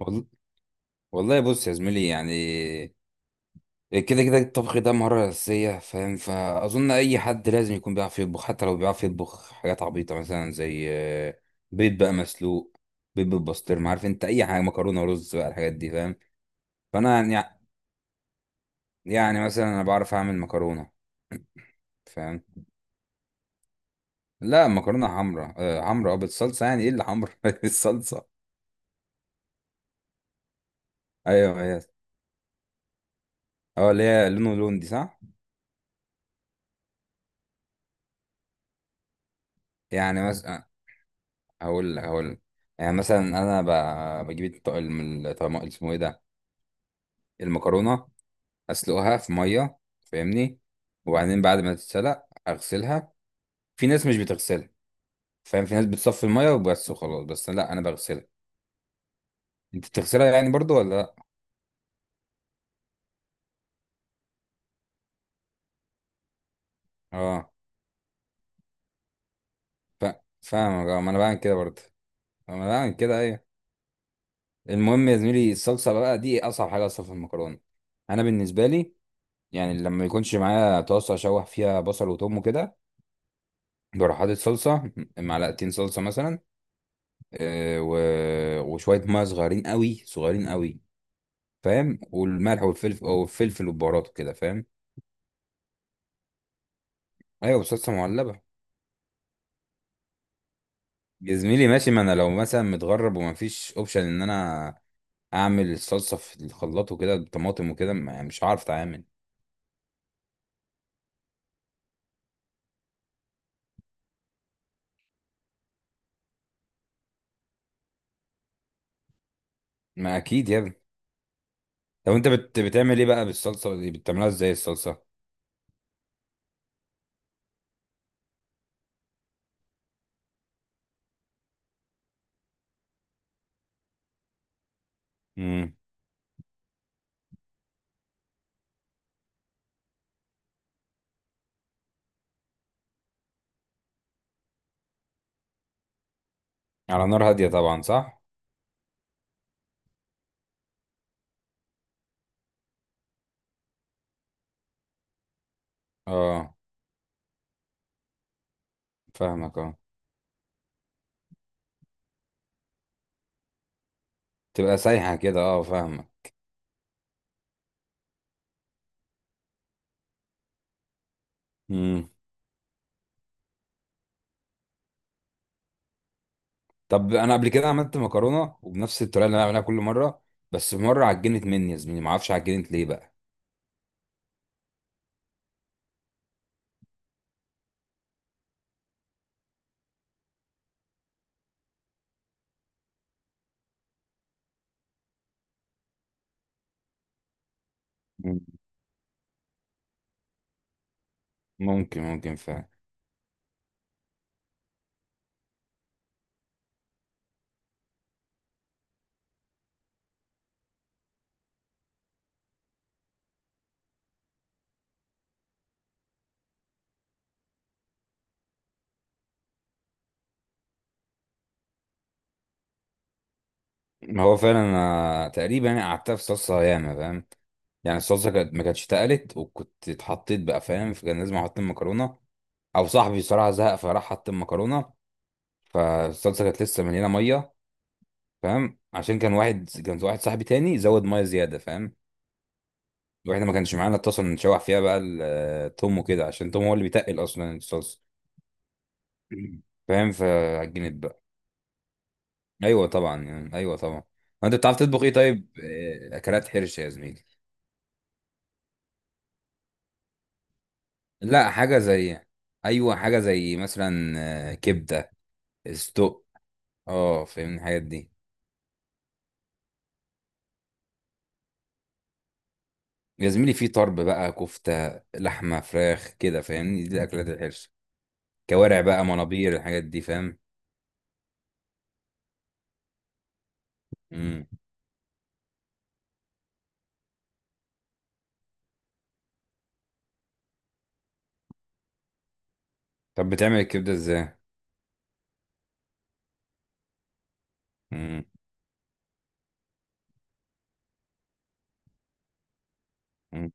وال- والله بص يا زميلي، يعني كده كده الطبخ ده مهارة أساسية فاهم، فأظن أي حد لازم يكون بيعرف يطبخ حتى لو بيعرف يطبخ حاجات عبيطة مثلا زي بيض بقى مسلوق، بيض بالبسطرمة عارف أنت أي حاجة، مكرونة ورز بقى الحاجات دي فاهم. فأنا يعني مثلا أنا بعرف أعمل مكرونة فاهم. لا مكرونة حمرا، حمرا بالصلصة، يعني إيه اللي حمرا الصلصة. أيوه أيوه، أه اللي هي لونه لون دي صح. يعني مثلا هقول لك. يعني مثلا انا ب- بجيب الط- الم- الطعم- اسمه ايه ده المكرونه، اسلقها في ميه فاهمني. وبعدين بعد ما تتسلق اغسلها. في ناس مش بتغسلها فاهم، في ناس بتصفي الميه وبس وخلاص، بس لا انا بغسلها. انت بتغسلها يعني برضو ولا لا؟ اه ف- فاهمك اه، ما انا بعمل كده برضو. ما انا بعمل كده ايوه. المهم يا زميلي الصلصه بقى دي اصعب حاجه اصلا في المكرونه. انا بالنسبه لي، يعني لما يكونش معايا طاسه اشوح فيها بصل وتوم وكده، بروح حاطط صلصة، معلقتين صلصة مثلا، آه، و... وشوية مية صغيرين قوي صغيرين قوي فاهم، والملح والفلفل او الفلفل والبهارات وكده فاهم. ايوه بصلصة معلبة. يا زميلي ماشي، ما انا لو مثلا متغرب ومفيش اوبشن ان انا اعمل الصلصة في الخلاط وكده بطماطم وكده يعني مش هعرف اتعامل. ما اكيد يا ابني. طب انت بتعمل ايه بقى بالصلصة دي، بتعملها ازاي الصلصة؟ امم على نار هادية طبعا صح. اه فاهمك اه، تبقى سايحة كده اه فاهمك. مم. طب انا قبل كده عملت مكرونه وبنفس الطريقه اللي انا بعملها كل مره، بس مره عجنت مني يا زميلي، ما اعرفش عجنت ليه بقى. مم. ممكن ممكن فعلا. ما هو فعلا انا تقريبا يعني قعدتها في صلصه ياما فاهم، يعني الصلصه كانت ما كانتش اتقلت وكنت اتحطيت بقى فاهم، فكان لازم احط المكرونه، او صاحبي صراحه زهق فراح حط المكرونه. فالصلصه كانت لسه مليانه ميه فاهم، عشان كان واحد صاحبي تاني زود ميه زياده فاهم. واحنا ما كانش معانا اتصل نشوح فيها بقى التوم وكده، عشان التوم هو اللي بيتقل اصلا الصلصه. فاهم، فعجنت بقى. ايوه طبعا يعني، ايوه طبعا. انت بتعرف تطبخ ايه طيب؟ اكلات حرش يا زميلي. لا حاجه زي، ايوه حاجه زي مثلا كبده استق اه فاهمني الحاجات دي. يا زميلي في طرب بقى كفته لحمه فراخ كده فاهمني، دي اكلات الحرش. كوارع بقى منابير الحاجات دي فاهم. امم. طب بتعمل الكبده ازاي؟ امم. أمم.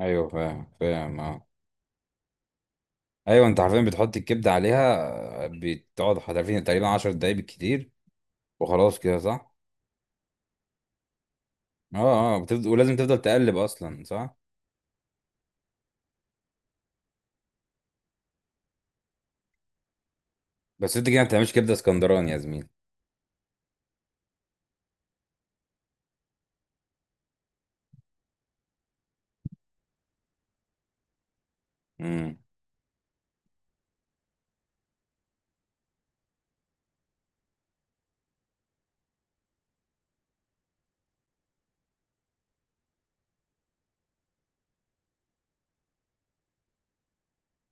ايوه فاهم فاهم اه. ايوه انت عارفين بتحط الكبده عليها، بتقعد حرفيا تقريبا 10 دقايق بالكتير، وخلاص كده صح. اه اه، بتفضل ولازم تفضل تقلب اصلا صح. بس انت كده ما بتعملش كبده اسكندراني يا زميلي. امم.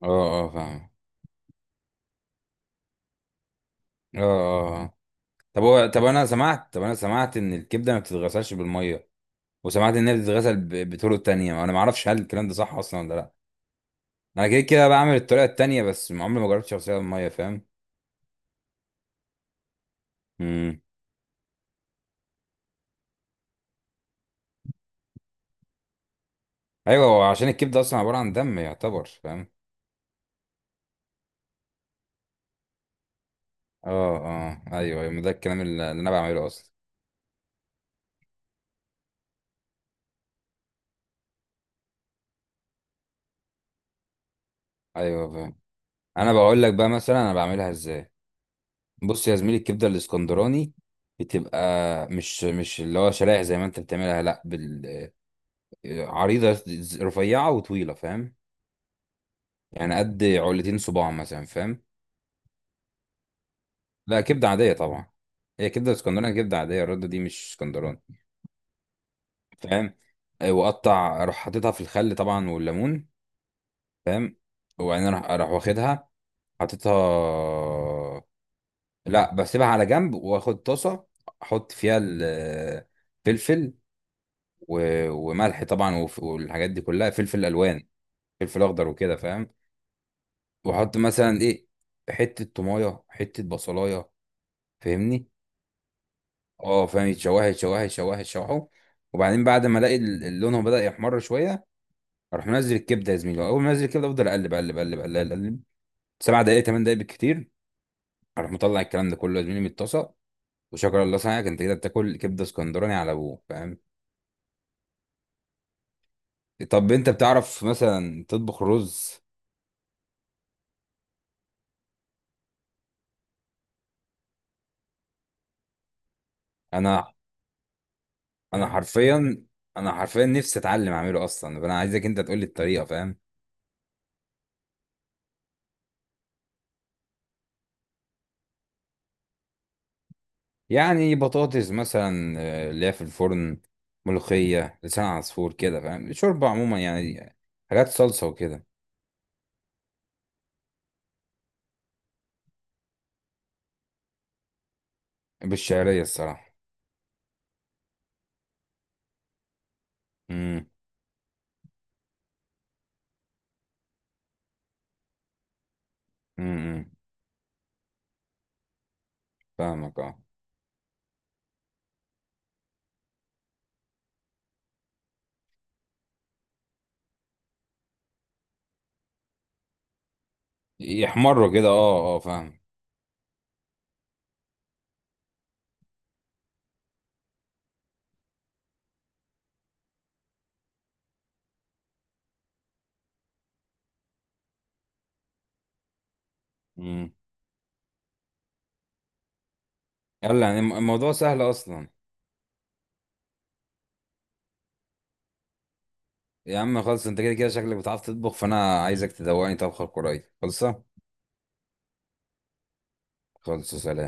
اه اه فاهم اه اه طب هو طب انا سمعت ان الكبده ما بتتغسلش بالميه، وسمعت انها بتتغسل بطرق تانية، انا ما اعرفش هل الكلام ده صح اصلا ولا لا. انا كده كده بعمل الطريقه التانية بس عمري ما جربتش اغسلها بالميه فاهم. امم. ايوه هو عشان الكبده اصلا عباره عن دم يعتبر فاهم. اه اه ايوه ايوه، ما ده الكلام اللي انا بعمله اصلا. ايوه فاهم. انا بقول لك بقى مثلا انا بعملها ازاي. بص يا زميلي الكبده الاسكندراني بتبقى، مش اللي هو شرايح زي ما انت بتعملها، لا عريضه رفيعه وطويله فاهم. يعني قد علتين صباع مثلا فاهم. لا كبده عاديه طبعا. هي كبده اسكندراني، كبده عاديه. الرده دي مش اسكندراني فاهم. واقطع اروح حاططها في الخل طبعا والليمون فاهم. وبعدين اروح واخدها، حاططها، لا بسيبها على جنب واخد طاسه، احط فيها الفلفل وملح طبعا والحاجات دي كلها، فلفل الوان، فلفل اخضر وكده فاهم. واحط مثلا ايه، حته طمايه حته بصلايه فاهمني، اه فاهم، يتشوح يتشوح يتشوح يتشوحوا. وبعدين بعد ما الاقي لونهم بدا يحمر شويه، اروح منزل الكبده يا زميلي. اول ما انزل الكبده افضل اقلب اقلب اقلب اقلب اقلب 7 دقائق 8 دقائق بالكتير. اروح مطلع الكلام ده كله يا زميلي من الطاسه، وشكر الله صنعك، انت كده بتاكل كبده اسكندراني على ابوه فاهم. طب انت بتعرف مثلا تطبخ رز؟ انا انا حرفيا انا حرفيا نفسي اتعلم اعمله اصلا، فانا عايزك انت تقول لي الطريقه فاهم. يعني بطاطس مثلا اللي هي في الفرن، ملوخيه لسان عصفور كده فاهم، شوربه عموما يعني، حاجات صلصه وكده. بالشعريه الصراحه. امم. امم فاهمك اه. يحمروا كده اه اه فاهم. امم. يلا يعني الموضوع سهل اصلا. يا عم خلص، انت كده كده شكلك بتعرف تطبخ، فانا عايزك تدوقني طبخه قريب خلصه. خلص سلام.